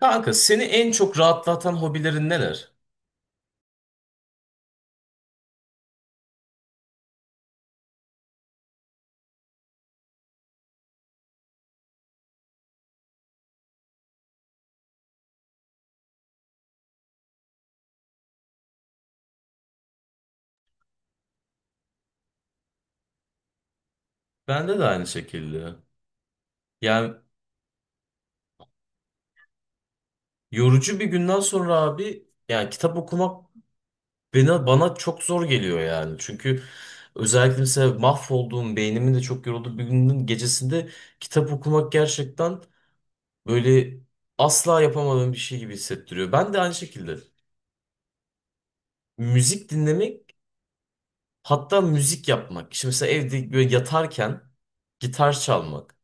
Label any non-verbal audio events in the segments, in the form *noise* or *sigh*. Kanka seni en çok rahatlatan hobilerin neler? Bende de aynı şekilde. Yani yorucu bir günden sonra abi yani kitap okumak bana çok zor geliyor yani. Çünkü özellikle mesela mahvolduğum beynimin de çok yorulduğu bir günün gecesinde kitap okumak gerçekten böyle asla yapamadığım bir şey gibi hissettiriyor. Ben de aynı şekilde. Müzik dinlemek. Hatta müzik yapmak. Şimdi mesela evde böyle yatarken gitar çalmak.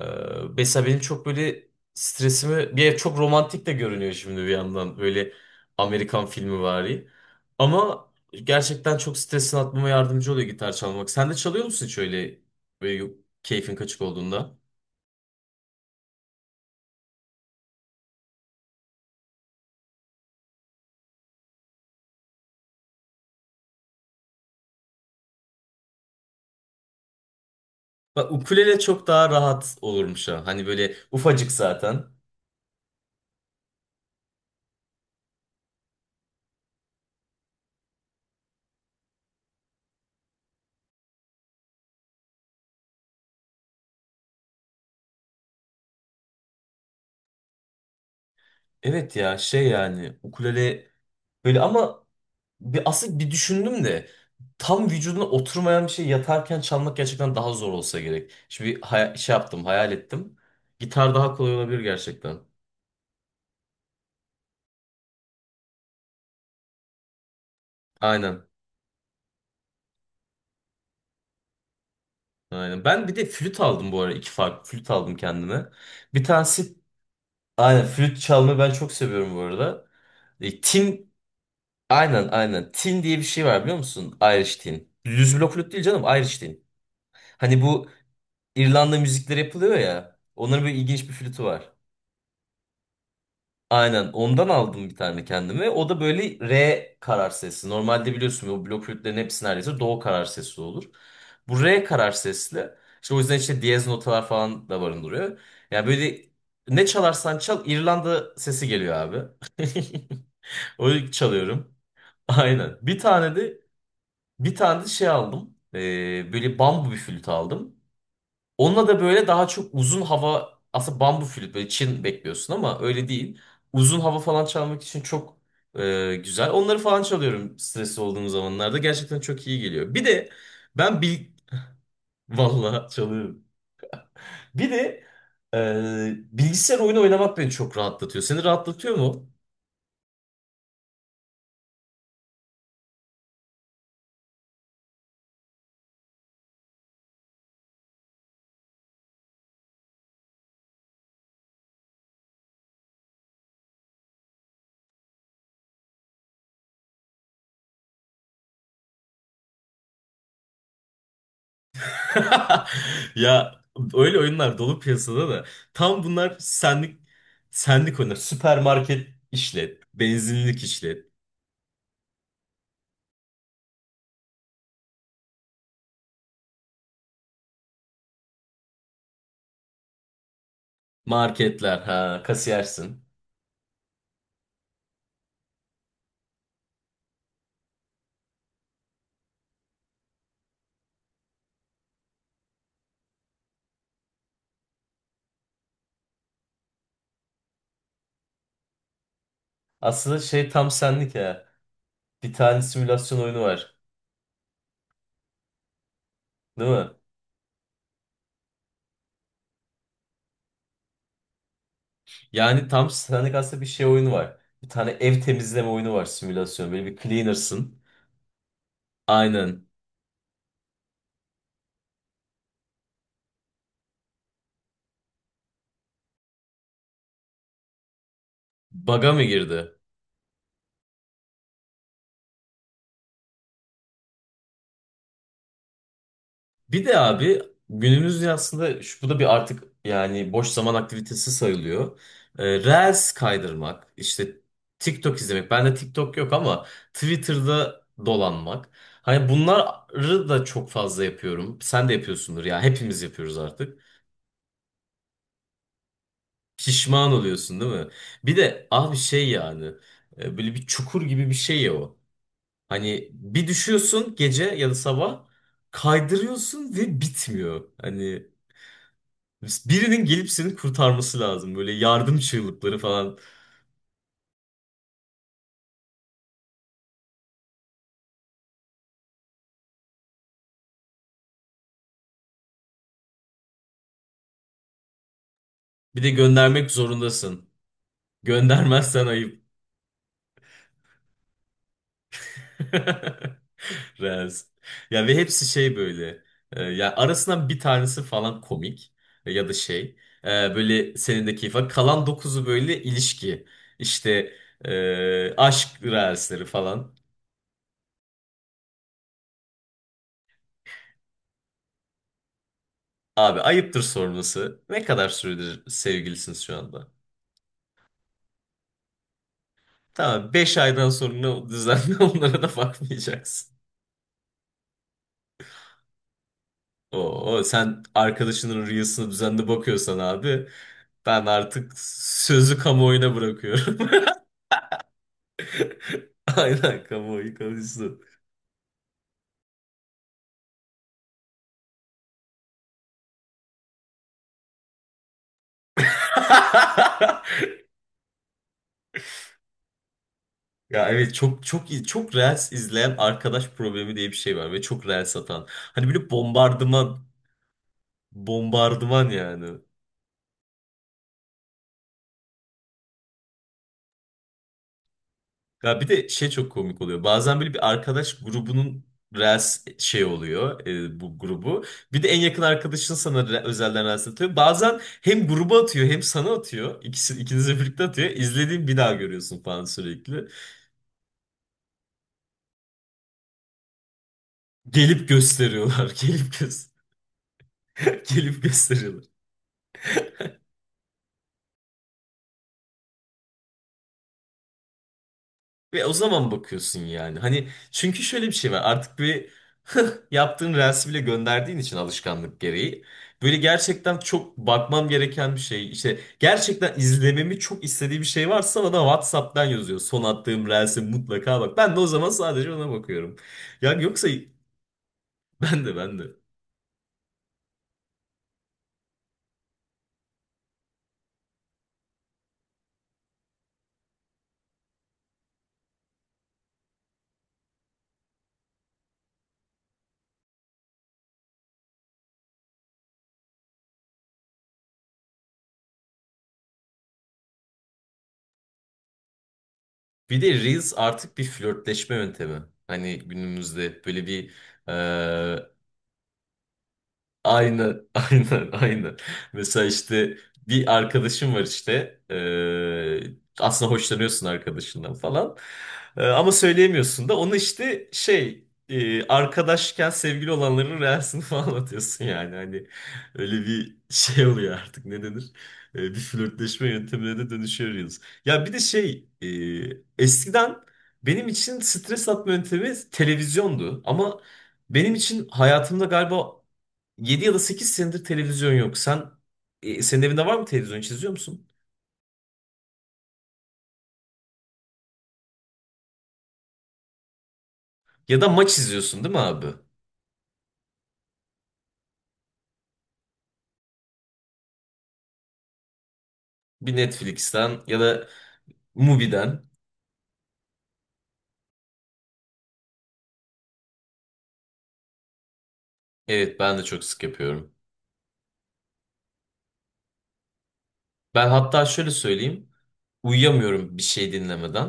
Ee, Mesela benim çok böyle stresimi. Bir ev çok romantik de görünüyor şimdi bir yandan. Böyle Amerikan filmi vari. Ama gerçekten çok stresini atmama yardımcı oluyor gitar çalmak. Sen de çalıyor musun hiç öyle böyle keyfin kaçık olduğunda? Bak ukulele çok daha rahat olurmuş ha. Hani böyle ufacık zaten. Evet ya şey yani ukulele böyle ama aslında bir düşündüm de tam vücuduna oturmayan bir şey yatarken çalmak gerçekten daha zor olsa gerek. Şimdi bir şey yaptım, hayal ettim. Gitar daha kolay olabilir gerçekten. Aynen. Aynen. Ben bir de flüt aldım bu ara. İki farklı flüt aldım kendime. Bir tanesi aynen flüt çalmayı ben çok seviyorum bu arada. Tin aynen aynen. Tin diye bir şey var biliyor musun? Irish tin. Düz blok flüt değil canım, Irish tin. Hani bu İrlanda müzikleri yapılıyor ya. Onların böyle ilginç bir flütü var. Aynen ondan aldım bir tane kendime. O da böyle R karar sesi. Normalde biliyorsun o blok flütlerin hepsi neredeyse do karar sesi olur. Bu R karar sesli. İşte o yüzden işte diyez notalar falan da barındırıyor. Yani böyle ne çalarsan çal İrlanda sesi geliyor abi. *laughs* Onu çalıyorum. Aynen. Bir tane de şey aldım. Böyle bambu bir flüt aldım. Onunla da böyle daha çok uzun hava aslında bambu flüt böyle Çin bekliyorsun ama öyle değil. Uzun hava falan çalmak için çok güzel. Onları falan çalıyorum stresli olduğum zamanlarda. Gerçekten çok iyi geliyor. Bir de ben bil... *laughs* Vallahi çalıyorum. Bir de e, bilgisayar oyunu oynamak beni çok rahatlatıyor. Seni rahatlatıyor mu? *laughs* Ya öyle oyunlar dolu piyasada da. Tam bunlar senlik senlik oyunlar. Süpermarket işlet, benzinlik işlet. Marketler ha kasiyersin. Aslında şey tam senlik ya. Bir tane simülasyon oyunu var. Değil mi? Yani tam senlik aslında bir şey oyunu var. Bir tane ev temizleme oyunu var simülasyon. Böyle bir cleaner'sın. Aynen. Bug'a mı girdi? Bir de abi günümüzde aslında bu da bir artık yani boş zaman aktivitesi sayılıyor. Reels kaydırmak, işte TikTok izlemek. Bende TikTok yok ama Twitter'da dolanmak. Hani bunları da çok fazla yapıyorum. Sen de yapıyorsundur ya. Hepimiz yapıyoruz artık. Pişman oluyorsun değil mi? Bir de abi şey yani böyle bir çukur gibi bir şey ya o. Hani bir düşüyorsun gece ya da sabah kaydırıyorsun ve bitmiyor. Hani birinin gelip seni kurtarması lazım. Böyle yardım çığlıkları falan. Bir de göndermek zorundasın. Göndermezsen ayıp. *laughs* Rez. Ya ve hepsi şey böyle. Ya arasından bir tanesi falan komik, ya da şey. e, Böyle senin de keyif var. Kalan dokuzu böyle ilişki. İşte aşk reelsleri falan. Abi ayıptır sorması. Ne kadar süredir sevgilisiniz şu anda? Tamam 5 aydan sonra düzenli *laughs* onlara da bakmayacaksın. Oo, sen arkadaşının rüyasına düzenli bakıyorsan abi ben artık sözü kamuoyuna bırakıyorum. *laughs* Aynen kamuoyu konuşsun. *laughs* Ya evet çok çok iyi çok reels izleyen arkadaş problemi diye bir şey var ve çok reels atan. Hani böyle bombardıman bombardıman yani. Ya bir de şey çok komik oluyor. Bazen böyle bir arkadaş grubunun Reels şey oluyor bu grubu. Bir de en yakın arkadaşın sana özelden Reels atıyor. Bazen hem gruba atıyor hem sana atıyor. İkisi, ikinize birlikte atıyor. İzlediğin bir daha görüyorsun falan sürekli. Gelip gösteriyorlar. *laughs* Gelip göz *laughs* gelip gösteriyorlar. Ve o zaman bakıyorsun yani. Hani çünkü şöyle bir şey var. Artık bir *laughs* yaptığın reels'i bile gönderdiğin için alışkanlık gereği. Böyle gerçekten çok bakmam gereken bir şey. İşte gerçekten izlememi çok istediği bir şey varsa bana WhatsApp'tan yazıyor. Son attığım reels'e mutlaka bak. Ben de o zaman sadece ona bakıyorum. Ya yoksa *laughs* ben de. Bir de Reels artık bir flörtleşme yöntemi. Hani günümüzde böyle bir, aynen, *laughs* aynen, aynen. Mesela işte bir arkadaşım var işte. Aslında hoşlanıyorsun arkadaşından falan. Ama söyleyemiyorsun da. Onu işte şey arkadaşken sevgili olanların reelsini *laughs* falan atıyorsun yani. Hani öyle bir şey oluyor artık ne denir? Bir flörtleşme yöntemine de dönüşüyoruz. Ya bir de şey eskiden benim için stres atma yöntemi televizyondu. Ama benim için hayatımda galiba 7 ya da 8 senedir televizyon yok. Senin evinde var mı televizyon hiç izliyor musun? Ya da maç izliyorsun değil mi abi? Bir Netflix'ten ya da Mubi'den. Evet ben de çok sık yapıyorum. Ben hatta şöyle söyleyeyim. Uyuyamıyorum bir şey dinlemeden.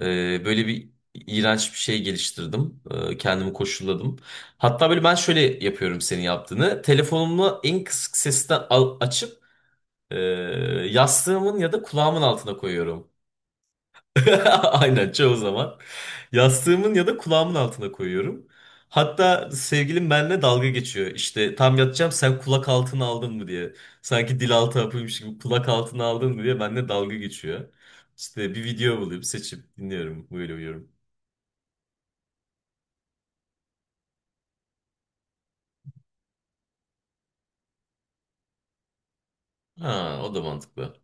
Böyle bir iğrenç bir şey geliştirdim. Kendimi koşulladım. Hatta böyle ben şöyle yapıyorum senin yaptığını. Telefonumu en kısık sesten açıp e, yastığımın ya da kulağımın altına koyuyorum. *laughs* Aynen çoğu zaman. Yastığımın ya da kulağımın altına koyuyorum. Hatta sevgilim benimle dalga geçiyor. İşte tam yatacağım sen kulak altına aldın mı diye. Sanki dil altı hapıymış gibi kulak altına aldın mı diye benimle dalga geçiyor. İşte bir video bulup seçip dinliyorum. Böyle uyuyorum. Ha o da mantıklı.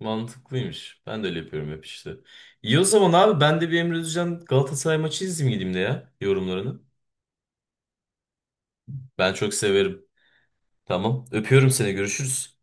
Mantıklıymış. Ben de öyle yapıyorum hep işte. İyi o zaman abi ben de bir Emre Özcan Galatasaray maçı izleyeyim gideyim de ya yorumlarını. Ben çok severim. Tamam. Öpüyorum seni. Görüşürüz.